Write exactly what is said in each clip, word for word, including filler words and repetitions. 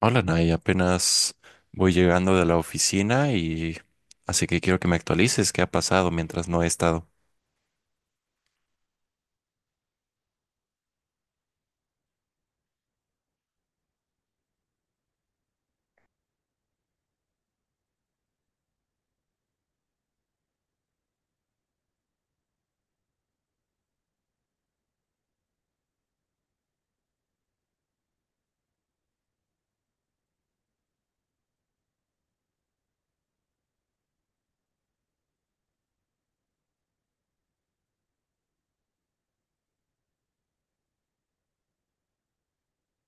Hola, Nay, apenas voy llegando de la oficina y así que quiero que me actualices qué ha pasado mientras no he estado.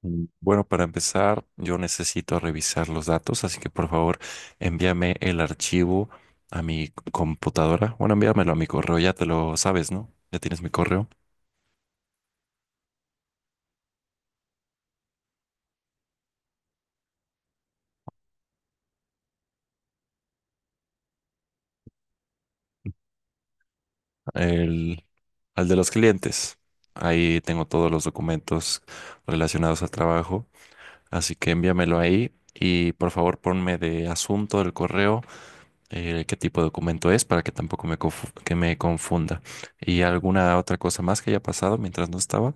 Mm, Bueno, para empezar, yo necesito revisar los datos, así que por favor envíame el archivo a mi c- computadora. Bueno, envíamelo a mi correo, ya te lo sabes, ¿no? Ya tienes mi correo. El, al de los clientes. Ahí tengo todos los documentos relacionados al trabajo, así que envíamelo ahí y por favor ponme de asunto del correo. Eh, qué tipo de documento es para que tampoco me, confu- que me confunda. ¿Y alguna otra cosa más que haya pasado mientras no estaba?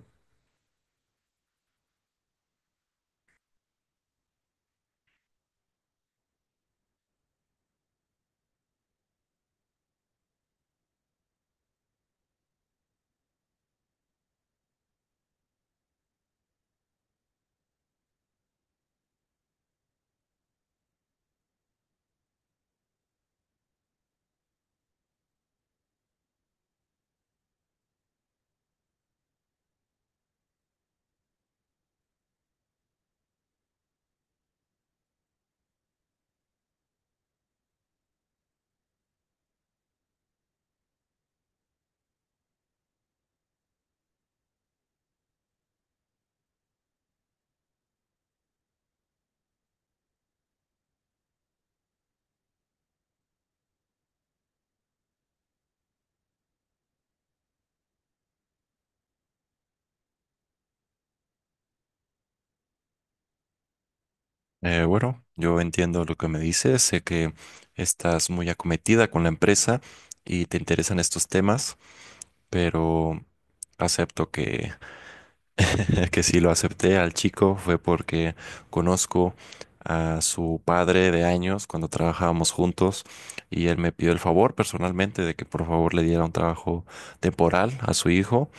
Eh, bueno, yo entiendo lo que me dices, sé que estás muy acometida con la empresa y te interesan estos temas, pero acepto que, que si lo acepté al chico fue porque conozco a su padre de años cuando trabajábamos juntos y él me pidió el favor personalmente de que por favor le diera un trabajo temporal a su hijo.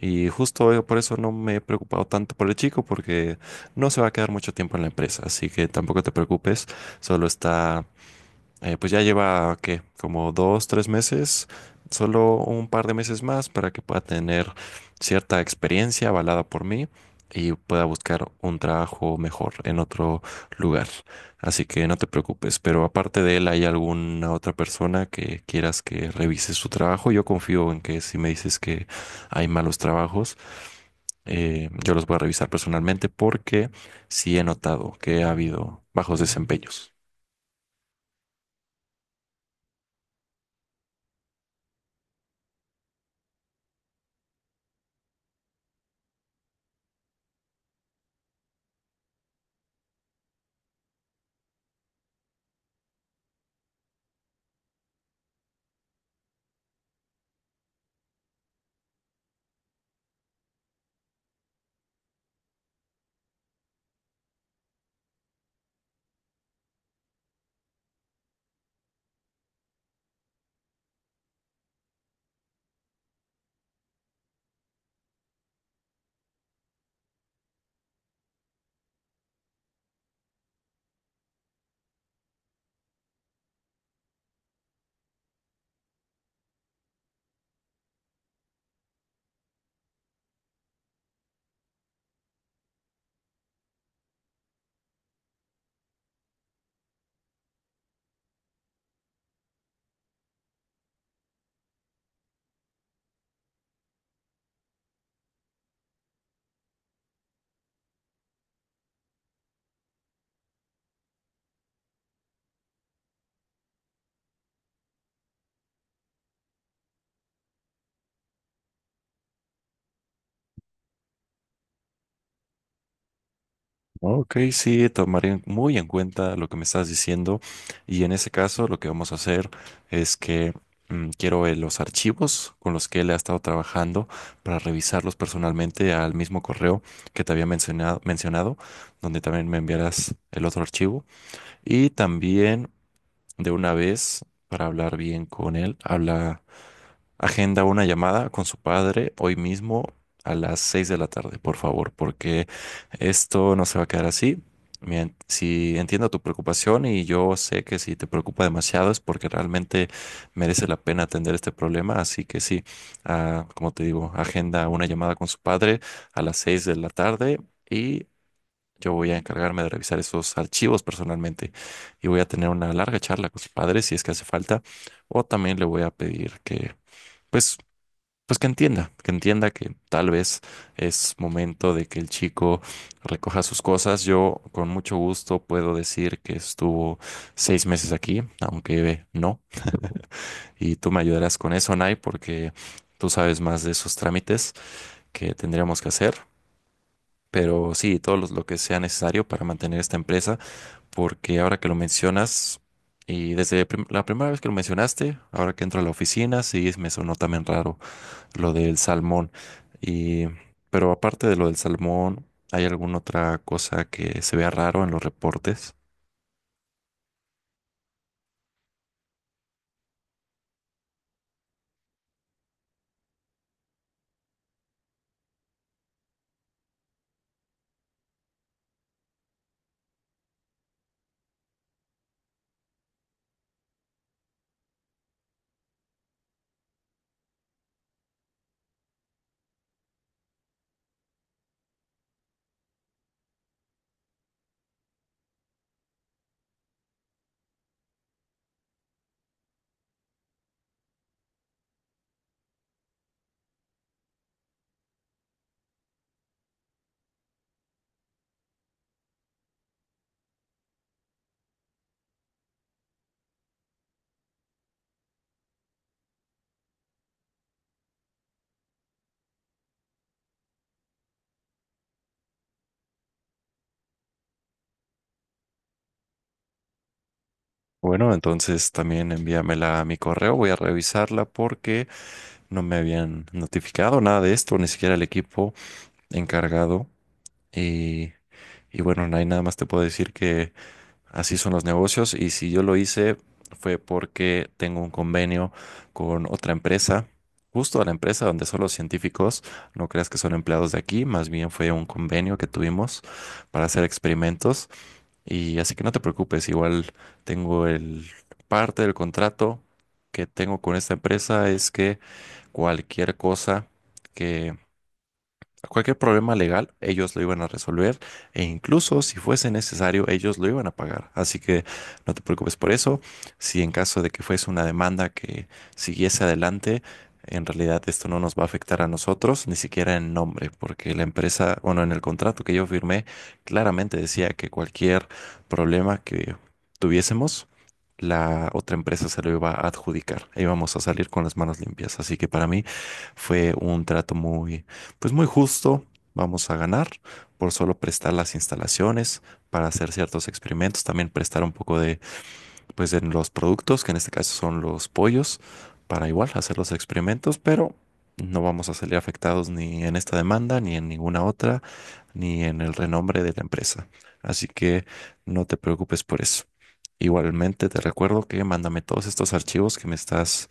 Y justo eh, por eso no me he preocupado tanto por el chico, porque no se va a quedar mucho tiempo en la empresa. Así que tampoco te preocupes, solo está eh, pues ya lleva, ¿qué? Como dos, tres meses, solo un par de meses más para que pueda tener cierta experiencia avalada por mí y pueda buscar un trabajo mejor en otro lugar. Así que no te preocupes, pero aparte de él, ¿hay alguna otra persona que quieras que revise su trabajo? Yo confío en que si me dices que hay malos trabajos, eh, yo los voy a revisar personalmente porque sí he notado que ha habido bajos desempeños. Ok, sí, tomaré muy en cuenta lo que me estás diciendo y en ese caso lo que vamos a hacer es que mm, quiero eh, los archivos con los que él ha estado trabajando para revisarlos personalmente al mismo correo que te había mencionado, mencionado, donde también me enviarás el otro archivo y también de una vez para hablar bien con él, habla. Agenda una llamada con su padre hoy mismo a las seis de la tarde, por favor, porque esto no se va a quedar así. Mien- Si entiendo tu preocupación y yo sé que si te preocupa demasiado es porque realmente merece la pena atender este problema, así que sí, ah, como te digo, agenda una llamada con su padre a las seis de la tarde y yo voy a encargarme de revisar esos archivos personalmente y voy a tener una larga charla con su padre si es que hace falta o también le voy a pedir que pues pues que entienda, que entienda que tal vez es momento de que el chico recoja sus cosas. Yo con mucho gusto puedo decir que estuvo seis meses aquí, aunque no. Y tú me ayudarás con eso, Nay, porque tú sabes más de esos trámites que tendríamos que hacer. Pero sí, todo los- lo que sea necesario para mantener esta empresa, porque ahora que lo mencionas, y desde prim- la primera vez que lo mencionaste, ahora que entro a la oficina, sí me sonó también raro lo del salmón. Y, pero aparte de lo del salmón, ¿hay alguna otra cosa que se vea raro en los reportes? Bueno, entonces también envíamela a mi correo, voy a revisarla porque no me habían notificado nada de esto, ni siquiera el equipo encargado. Y, y bueno, no hay nada más te puedo decir que así son los negocios y si yo lo hice fue porque tengo un convenio con otra empresa, justo a la empresa donde son los científicos, no creas que son empleados de aquí, más bien fue un convenio que tuvimos para hacer experimentos y así que no te preocupes, igual tengo el parte del contrato que tengo con esta empresa es que cualquier cosa que cualquier problema legal, ellos lo iban a resolver e incluso si fuese necesario, ellos lo iban a pagar. Así que no te preocupes por eso. Si en caso de que fuese una demanda que siguiese adelante, en realidad esto no nos va a afectar a nosotros, ni siquiera en nombre, porque la empresa, bueno, en el contrato que yo firmé, claramente decía que cualquier problema que tuviésemos, la otra empresa se lo iba a adjudicar e íbamos a salir con las manos limpias. Así que para mí fue un trato muy pues muy justo, vamos a ganar por solo prestar las instalaciones para hacer ciertos experimentos, también prestar un poco de, pues de los productos, que en este caso son los pollos, para igual hacer los experimentos, pero no vamos a salir afectados ni en esta demanda, ni en ninguna otra, ni en el renombre de la empresa. Así que no te preocupes por eso. Igualmente te recuerdo que mándame todos estos archivos que me estás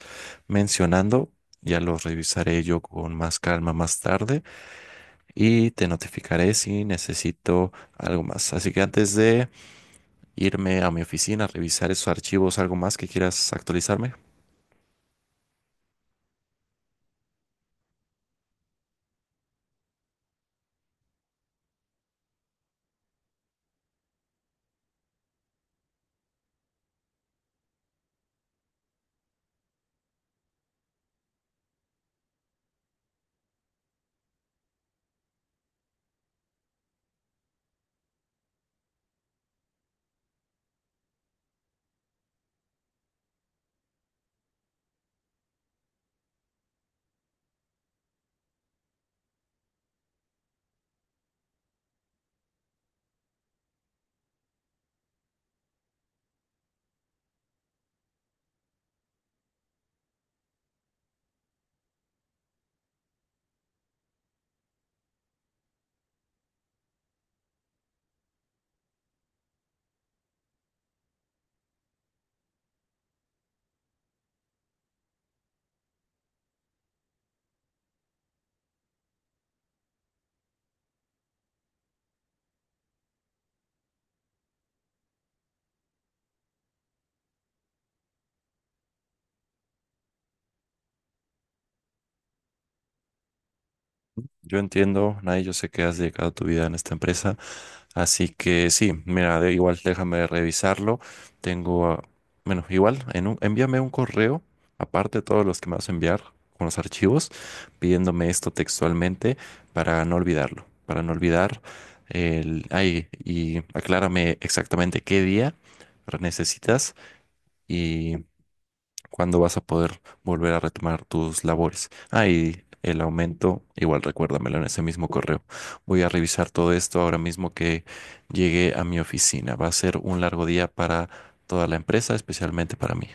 mencionando. Ya los revisaré yo con más calma más tarde y te notificaré si necesito algo más. Así que antes de irme a mi oficina a revisar esos archivos, algo más que quieras actualizarme. Yo entiendo, Nay, yo sé que has dedicado tu vida en esta empresa. Así que sí, mira, de- igual déjame revisarlo. Tengo, ah, bueno, igual, en un- envíame un correo, aparte de todos los que me vas a enviar con los archivos, pidiéndome esto textualmente para no olvidarlo, para no olvidar el, ay, y aclárame exactamente qué día necesitas. ¿Cuándo vas a poder volver a retomar tus labores? Ah, y el aumento, igual recuérdamelo en ese mismo correo. Voy a revisar todo esto ahora mismo que llegué a mi oficina. Va a ser un largo día para toda la empresa, especialmente para mí.